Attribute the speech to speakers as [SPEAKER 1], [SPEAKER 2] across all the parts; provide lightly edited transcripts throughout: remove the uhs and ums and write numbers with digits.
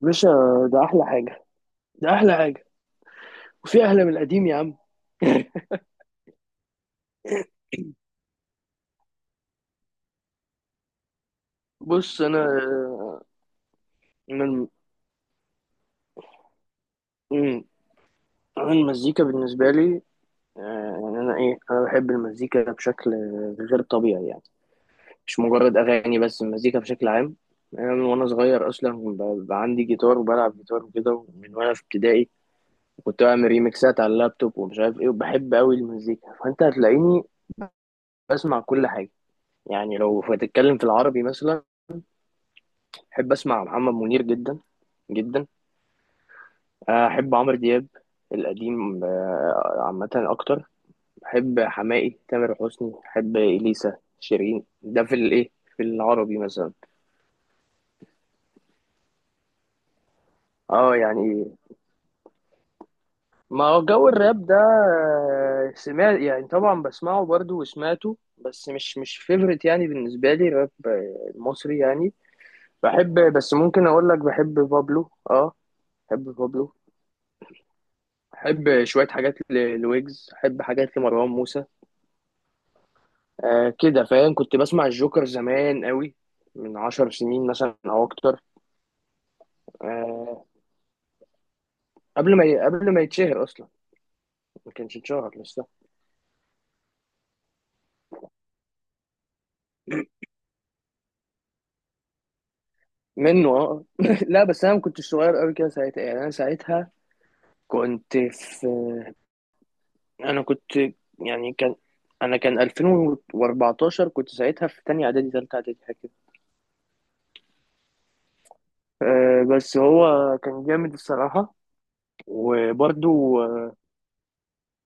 [SPEAKER 1] باشا. ده احلى حاجه. ده احلى حاجه. وفي احلى من القديم يا عم. بص انا، من مم، أنا المزيكا بالنسبه لي. آه، يعني انا ايه انا بحب المزيكا بشكل غير طبيعي يعني. مش مجرد اغاني بس المزيكا بشكل عام. انا من وانا صغير اصلا بقى عندي جيتار وبلعب جيتار وكده من وانا في ابتدائي. كنت بعمل ريميكسات على اللابتوب ومش عارف ايه وبحب قوي المزيكا، فانت هتلاقيني بسمع كل حاجه. يعني لو هتتكلم في العربي مثلا، احب اسمع محمد منير جدا جدا. احب عمرو دياب القديم، عامه اكتر. بحب حماقي، تامر حسني، بحب اليسا، شيرين، ده في الايه، في العربي مثلا. اه يعني ما هو جو الراب ده، سمعت يعني طبعا بسمعه برضو وسمعته، بس مش فيفرت يعني. بالنسبة لي الراب، المصري يعني. بحب، بس ممكن اقول لك بحب بابلو، اه بحب بابلو. بحب شوية حاجات لويجز، بحب حاجات لمروان موسى. آه كده فاهم. كنت بسمع الجوكر زمان قوي من 10 سنين مثلا او اكتر. آه قبل ما يتشهر اصلا، ما كانش اتشهر لسه. منه اه. لا بس انا ما كنتش صغير قوي كده ساعتها، يعني انا ساعتها كنت في انا كنت يعني كان انا كان 2014 كنت ساعتها في تانية اعدادي، تالتة اعدادي، حاجه كده. آه بس هو كان جامد الصراحه. وبرده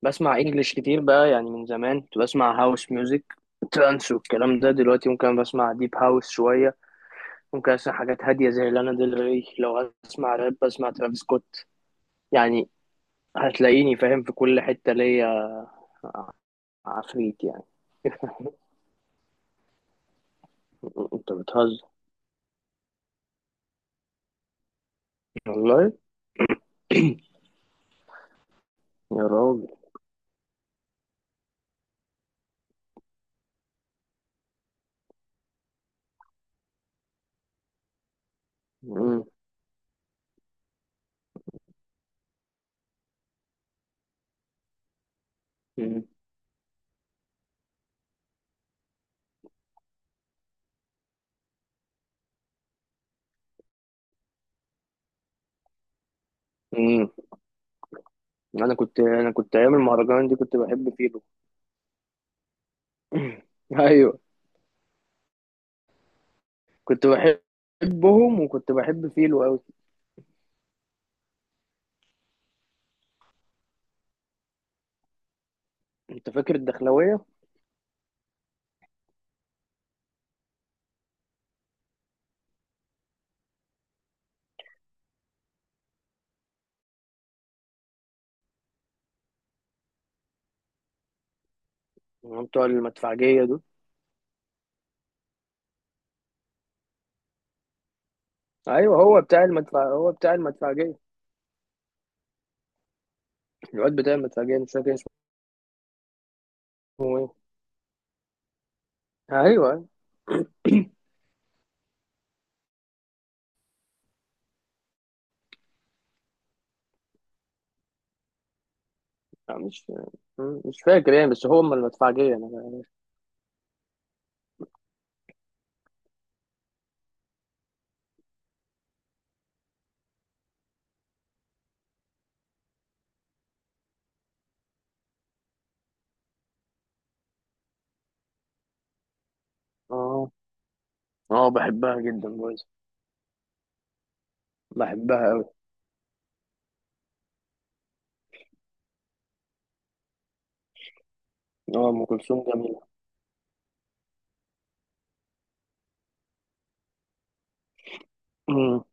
[SPEAKER 1] بسمع انجلش كتير بقى، يعني من زمان كنت بسمع هاوس ميوزك، ترانس والكلام ده. دلوقتي ممكن بسمع ديب هاوس شوية، ممكن اسمع حاجات هادية زي لانا ديل ري، لو اسمع راب بسمع ترافيس سكوت يعني. هتلاقيني فاهم في كل حتة ليا. عفريت يعني. انت بتهزر. والله. يا راجل. مم. مم. مم. انا كنت ايام المهرجان دي كنت بحب فيلو. ايوه كنت بحبهم، وكنت بحب فيلو قوي. انت فاكر الدخلاوية؟ بتوع المدفعجية دول. ايوه، هو بتاع المدفع، هو بتاع المدفعجيه. الواد بتاع المدفعجيه مش فاكر اسمه ايه. ايوه، أيوة. مش مش فاكر يعني، بس هو من المدفعجيه انا فاكر. اه اه، بحبها جدا بويز. بحبها قوي. اه، ام كلثوم جميله. مم.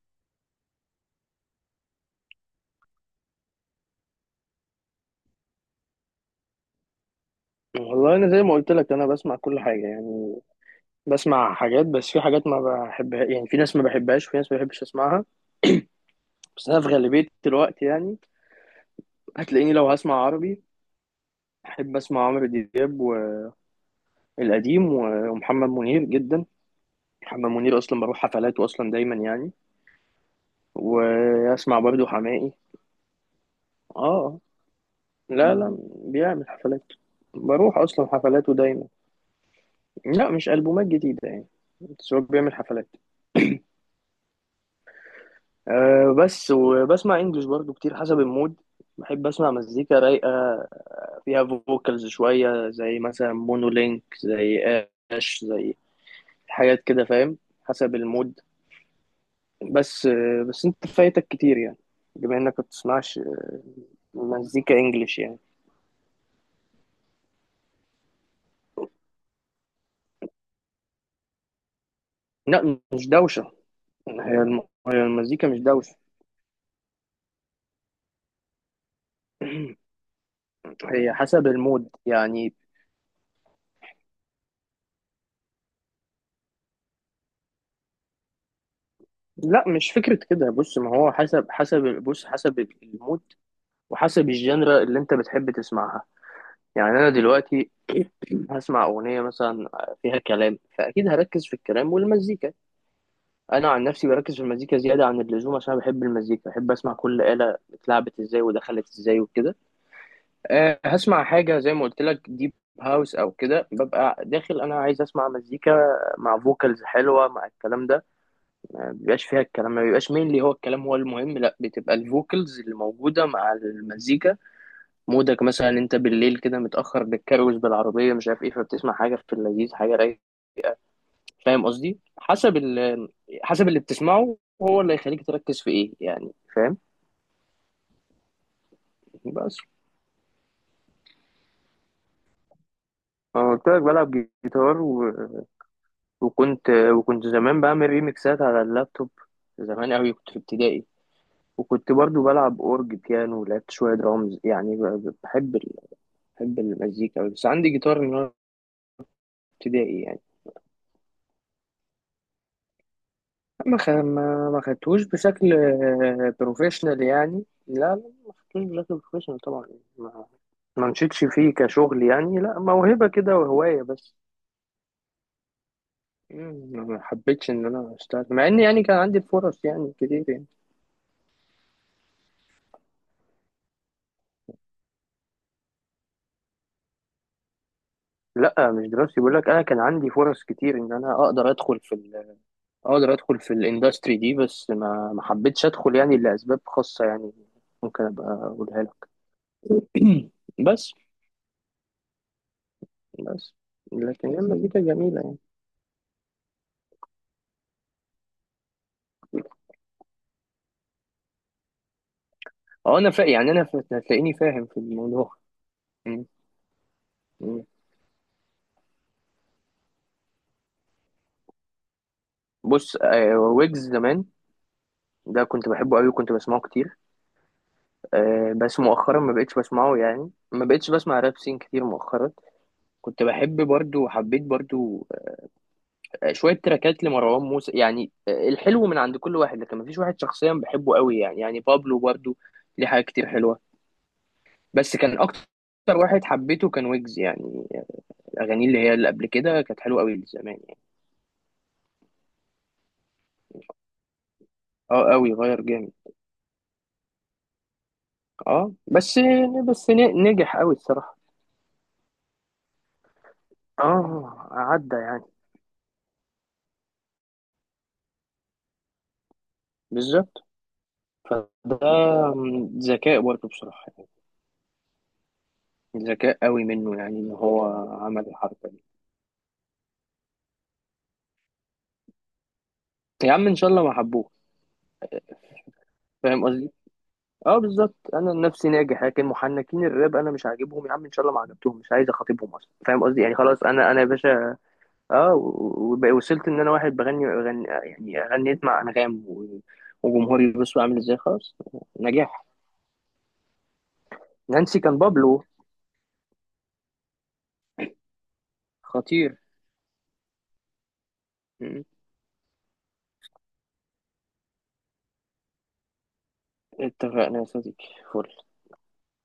[SPEAKER 1] والله انا زي ما قلت لك انا بسمع كل حاجه يعني. بسمع حاجات، بس في حاجات ما بحبها يعني، في ناس ما بحبهاش، وفي ناس ما بحبش اسمعها. بس انا في غالبيه الوقت يعني هتلاقيني لو هسمع عربي احب اسمع عمرو دياب والقديم، ومحمد منير جدا. محمد منير اصلا بروح حفلاته اصلا دايما يعني، واسمع برضو حماقي. اه، لا لا، بيعمل حفلات، بروح اصلا حفلاته دايما. لا مش البومات جديده يعني، بس هو بيعمل حفلات. أه بس. وبسمع انجلش برضو كتير حسب المود. بحب اسمع مزيكا رايقه فيها فوكالز شويه، زي مثلا مونولينك، زي اش، زي حاجات كده فاهم. حسب المود. بس، بس انت فايتك كتير يعني، بما انك ما بتسمعش مزيكا انجليش يعني. لا مش دوشة، هي المزيكا مش دوشة. هي حسب المود يعني. لا مش فكرة كده، بص ما هو حسب، حسب بص حسب المود وحسب الجنرا اللي انت بتحب تسمعها. يعني انا دلوقتي هسمع اغنية مثلا فيها كلام، فاكيد هركز في الكلام والمزيكا. انا عن نفسي بركز في المزيكا زيادة عن اللزوم، عشان بحب المزيكا، بحب اسمع كل آلة اتلعبت ازاي ودخلت ازاي وكده. أه هسمع حاجة زي ما قلت لك، ديب هاوس أو كده، ببقى داخل أنا عايز أسمع مزيكا مع فوكالز حلوة، مع الكلام ده. ما بيبقاش فيها الكلام، ما بيبقاش مين هو الكلام هو المهم، لا، بتبقى الفوكالز اللي موجودة مع المزيكا. مودك مثلا أنت بالليل كده متأخر بتكروز بالعربية مش عارف إيه، فبتسمع حاجة في اللذيذ، حاجة رايقة. فاهم قصدي، حسب، ال حسب اللي بتسمعه هو اللي هيخليك تركز في إيه يعني، فاهم. بس. أنا قلت لك بلعب جيتار. وكنت زمان بعمل ريميكسات على اللابتوب، زمان قوي كنت في ابتدائي. وكنت برضو بلعب اورج بيانو، ولعبت شوية درامز يعني. بحب ال... بحب المزيكا أوي، بس عندي جيتار من وأنا ابتدائي يعني. ما خدتوش بشكل بروفيشنال يعني، لا لا، ما خدتوش بشكل بروفيشنال طبعا. ما ما مشيتش فيه كشغل يعني، لا موهبة كده وهواية بس. ما حبيتش ان انا اشتغل، مع ان يعني كان عندي فرص يعني كتير يعني. لا مش دراستي، بيقول لك انا كان عندي فرص كتير ان انا اقدر ادخل في ال... اقدر ادخل في الاندستري دي، بس ما حبيتش ادخل يعني لاسباب خاصه يعني، ممكن ابقى اقولها لك. بس. بس لكن هي مزيكا جميله يعني. اه انا فا... يعني انا فا... هتلاقيني فاهم في الموضوع. م- م. بص ويجز زمان ده كنت بحبه قوي وكنت بسمعه كتير. بس مؤخرا ما بقتش بسمعه يعني، ما بقتش بسمع راب سين كتير مؤخرا. كنت بحب برضو وحبيت برضو شويه تراكات لمروان موسى يعني. الحلو من عند كل واحد، لكن مفيش واحد شخصيا بحبه قوي يعني، يعني بابلو برضه ليه حاجات كتير حلوه. بس كان اكتر واحد حبيته كان ويجز يعني، اغانيه اللي هي اللي قبل كده كانت حلوه قوي زمان يعني. اه قوي، غير جامد. اه، بس بس نجح قوي الصراحه. اه عدى يعني. بالظبط. فده ذكاء برضه بصراحه يعني، ذكاء قوي منه يعني ان هو عمل الحركه دي. يا عم ان شاء الله ما حبوه، فاهم قصدي. اه بالظبط، انا نفسي ناجح، لكن محنكين الراب انا مش عاجبهم. يا عم ان شاء الله ما عجبتهم، مش عايز اخاطبهم اصلا، فاهم قصدي يعني. خلاص انا يا باشا. اه وصلت ان انا واحد بغني غني يعني، غنيت مع انغام وجمهوري بصوا عامل ازاي خلاص. نجاح. نانسي كان بابلو خطير. م. اتفقنا يا صديقي. فل.